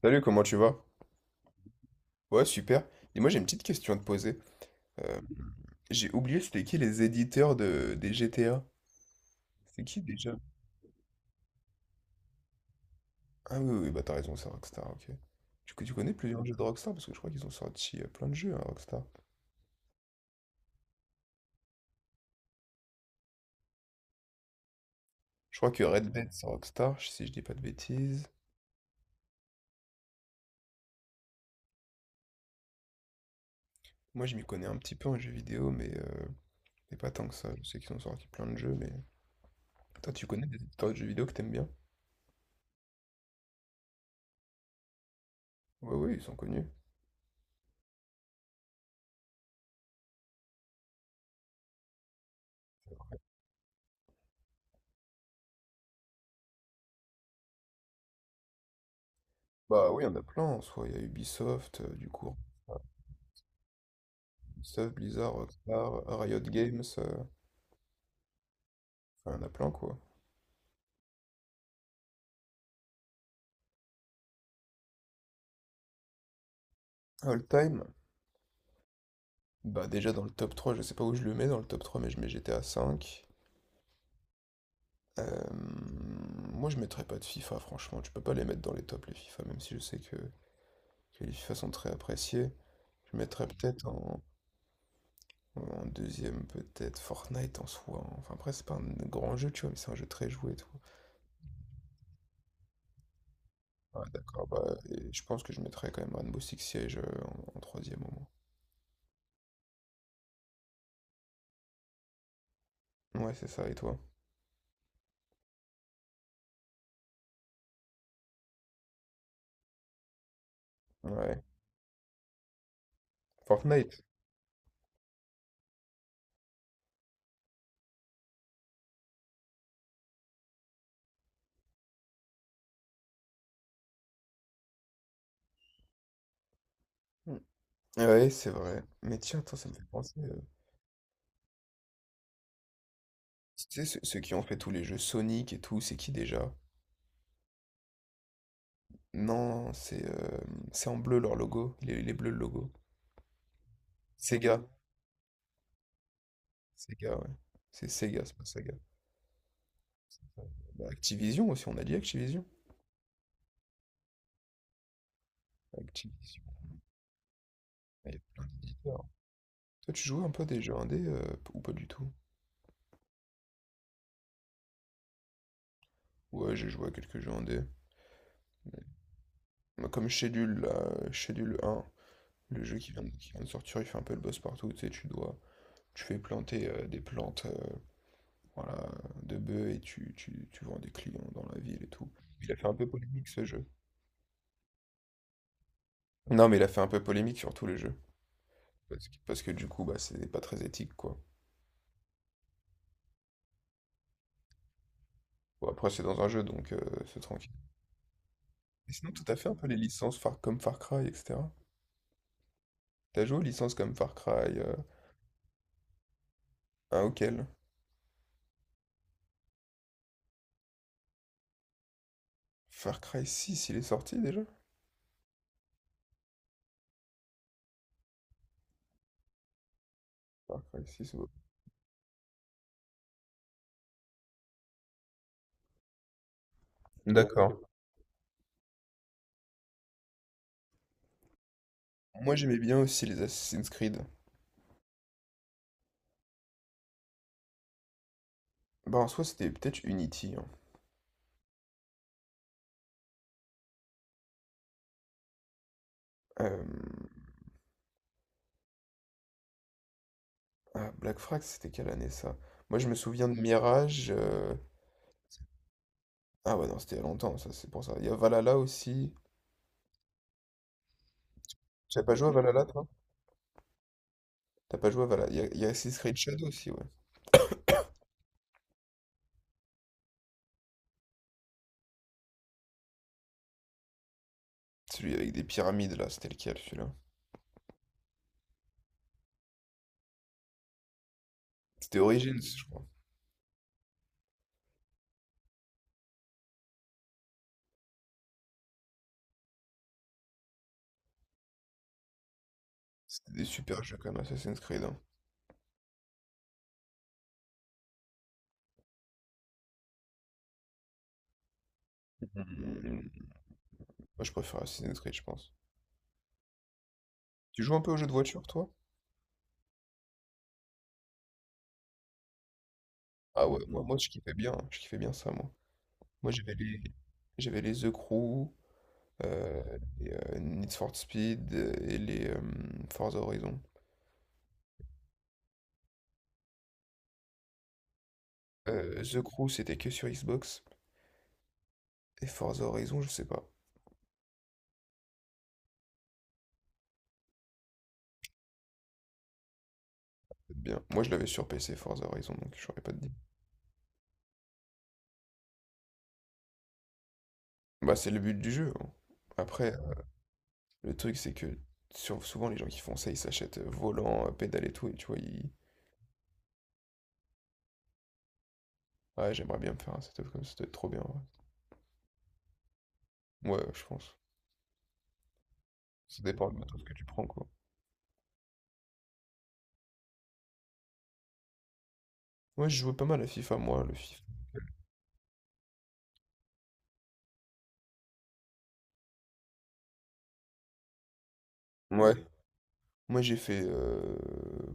Salut, comment tu vas? Ouais, super. Et moi, j'ai une petite question à te poser. Euh, j'ai oublié c'était qui les éditeurs des GTA? C'est qui déjà? Ah oui, oui, oui, bah t'as raison, c'est Rockstar, ok. Tu connais plusieurs jeux de Rockstar? Parce que je crois qu'ils ont sorti plein de jeux, hein, Rockstar. Je crois que Red Dead, c'est Rockstar, si je dis pas de bêtises. Moi, je m'y connais un petit peu en jeux vidéo, mais pas tant que ça. Je sais qu'ils ont sorti plein de jeux, mais… Toi, tu connais des éditeurs de jeux vidéo que t'aimes bien? Ouais, oui, ils sont connus. Bah oui, il y en a plein, en soi. Il y a Ubisoft, du coup. Ubisoft, Blizzard, Rockstar, Riot Games, enfin, il y en a plein quoi. All time, bah déjà dans le top 3. Je sais pas où je le mets dans le top 3, mais je mets GTA 5. Moi je mettrais pas de FIFA, franchement, tu peux pas les mettre dans les tops les FIFA, même si je sais que les FIFA sont très appréciés. Je mettrais peut-être en deuxième, peut-être Fortnite en soi, hein. Enfin après c'est pas un grand jeu, tu vois, mais c'est un jeu très joué et tout. Ouais, d'accord, bah et je pense que je mettrais quand même Rainbow Six Siege en troisième au moins. Ouais, c'est ça, et toi? Ouais. Fortnite. Hmm, Ouais, c'est vrai. Mais tiens, attends, ça me fait penser… Tu sais, ceux qui ont fait tous les jeux Sonic et tout, c'est qui déjà? Non, c'est en bleu leur logo. Il est bleu le logo. Sega. Sega, ouais. C'est Sega, c'est pas Saga. Bah, Activision aussi, on a dit Activision. Activision. Il y a plein d'éditeurs. Toi, tu joues un peu à des jeux indés ou pas du tout? Ouais, j'ai joué à quelques jeux indés. mais- Moi, comme Schedule, là, Schedule un, le jeu qui vient qui vient de sortir, il fait un peu le boss partout. Tu sais, tu dois… Tu fais planter des plantes, voilà, de bœufs et tu vends des clients dans la ville et tout. Il a fait un peu polémique ce jeu. Non, mais il a fait un peu polémique sur tous les jeux. Parce que du coup, bah, c'est pas très éthique, quoi. Bon, après, c'est dans un jeu, donc c'est tranquille. Et sinon, tout à fait un peu les licences Far- comme Far Cry, etc. T'as joué aux licences comme Far Cry un auquel? Far Cry 6, il est sorti déjà? Far Cry 6, ouais. D'accord. Moi, j'aimais bien aussi les Assassin's Creed. Bah, en soi, c'était peut-être Unity, hein. Euh, Ah, Black Frax, c'était quelle année ça? Moi, je me souviens de Mirage. Ah ouais, non, c'était il y a longtemps, ça, c'est pour ça. Il y a Valhalla aussi. T'as pas joué à Valhalla, toi? T'as pas joué à Valhalla. Il y a Assassin's Creed Shadow aussi, ouais. Celui avec des pyramides, là, c'était lequel, celui-là? C'était Origins, je crois. C'était des super jeux, quand même, Assassin's Creed, hein. Mm. Moi, je préfère Assassin's Creed, je pense. Tu joues un peu aux jeux de voiture, toi? Ah ouais, moi, je kiffais bien, hein, je kiffais bien ça, moi. Moi, j'avais les The Crew, Need for Speed et les Forza Horizon. The Crew, c'était que sur Xbox. Et Forza Horizon, je sais pas. Peut-être bien. Moi, je l'avais sur PC, Forza Horizon, donc je saurais pas te dire. Bah, c'est le but du jeu, hein. Après, le truc, c'est que souvent, les gens qui font ça, ils s'achètent volant, pédale et tout, et tu vois, ils… Ouais, j'aimerais bien me faire un setup comme ça doit être trop bien, ouais. Ouais, je pense. Ça dépend du matos que tu prends, quoi. Moi, je jouais pas mal à FIFA, moi, le FIFA. Ouais. Moi, j'ai fait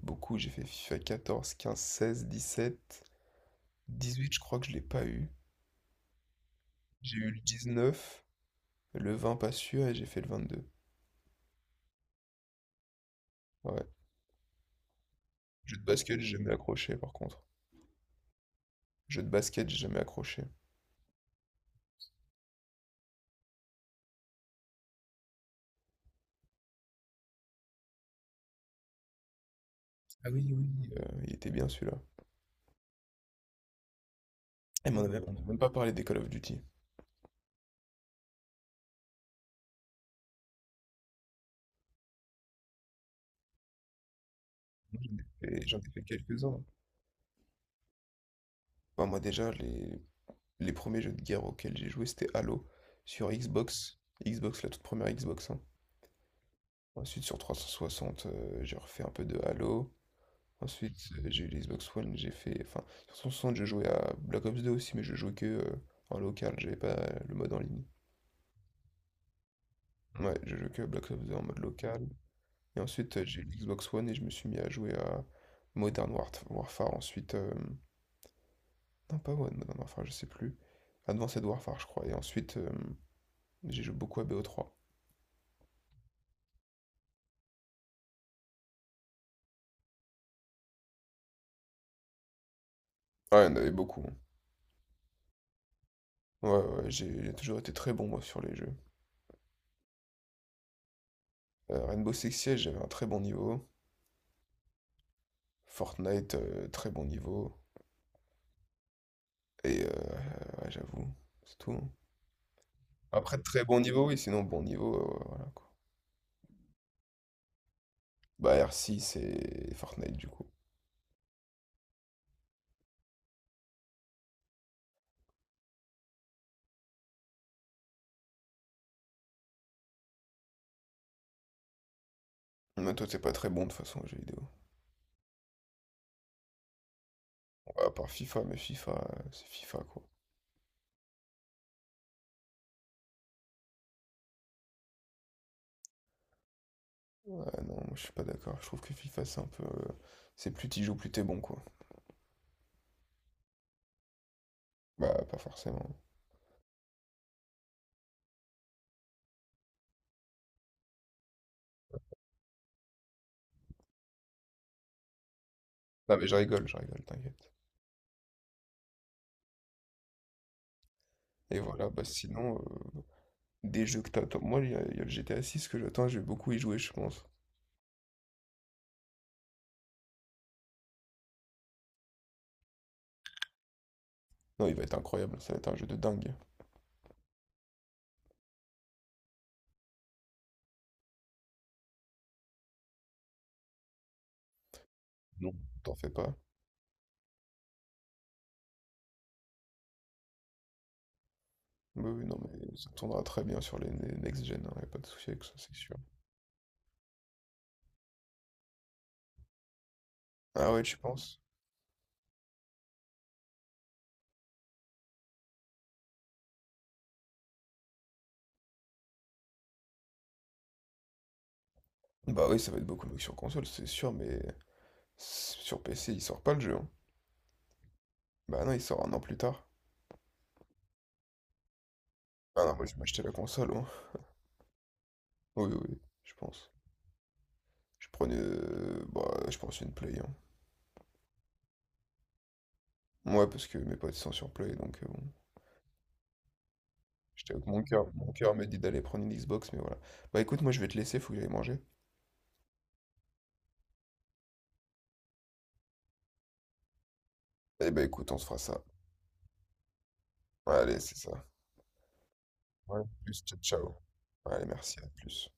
beaucoup. J'ai fait FIFA 14, 15, 16, 17, 18, je crois que je l'ai pas eu. J'ai eu le 19. Le 20, pas sûr, et j'ai fait le 22. Ouais. Jeu de basket, j'ai jamais accroché, par contre. Jeu de basket, j'ai jamais accroché. Oui, oui. Il était bien celui-là. Eh, mais on n'a même pas parlé des Call of Duty. Moi, j'en ai fait quelques-uns. Enfin, moi, déjà, les premiers jeux de guerre auxquels j'ai joué, c'était Halo sur Xbox. Xbox, la toute première Xbox, hein. Ensuite, sur 360, j'ai refait un peu de Halo. Ensuite, j'ai eu l'Xbox One, j'ai fait. Enfin, sur 360, je jouais à Black Ops 2 aussi, mais je jouais que en local, j'avais pas le mode en ligne. Ouais, j'ai joué que à Black Ops 2 en mode local. Et ensuite, j'ai eu l'Xbox One et je me suis mis à jouer à Modern Warfare. Ensuite, non, pas One, Modern Warfare, je sais plus. Advanced Warfare, je crois. Et ensuite, j'ai joué beaucoup à BO3. Ouais, il y en avait beaucoup, hein. Ouais, ouais, j'ai toujours été très bon, moi, sur les jeux. Rainbow Six Siege, j'avais un très bon niveau. Fortnite, très bon niveau. Et ouais, j'avoue, c'est tout, hein. Après, très bon niveau, oui, sinon bon niveau, voilà quoi. Bah, R6 et Fortnite, du coup. Mais toi, t'es pas très bon de toute façon aux jeux vidéo. Ouais, à part FIFA, mais FIFA, c'est FIFA quoi. Ouais, non, moi je suis pas d'accord. Je trouve que FIFA, c'est un peu… C'est plus t'y joues, plus t'es bon quoi. Bah, pas forcément. Non, mais je rigole, t'inquiète. Et voilà, bah sinon, des jeux que t'attends. Moi, il y a le GTA 6 que j'attends, je vais beaucoup y jouer, je pense. Non, il va être incroyable, ça va être un jeu de dingue. Non. T'en fais pas. Oui, oui, non, mais ça tournera très bien sur les next-gen, hein, y a pas de souci avec ça, c'est sûr. Ah ouais, tu penses? Bah oui, ça va être beaucoup mieux que sur console, c'est sûr, mais sur PC, il sort pas le jeu, hein. Bah non, il sort un an plus tard. Ah non, moi je m'achetais la console, hein. Oui, oui, oui, je pense. Je prenais, bah, je pense une Play, hein. Ouais, parce que mes potes sont sur Play, donc bon. J'étais avec mon cœur. Mon cœur m'a dit d'aller prendre une Xbox, mais voilà. Bah écoute, moi je vais te laisser, faut que j'aille manger. Eh bah écoute, on se fera ça. Allez, c'est ça. Ouais, plus, ciao, ciao. Allez, merci, à plus.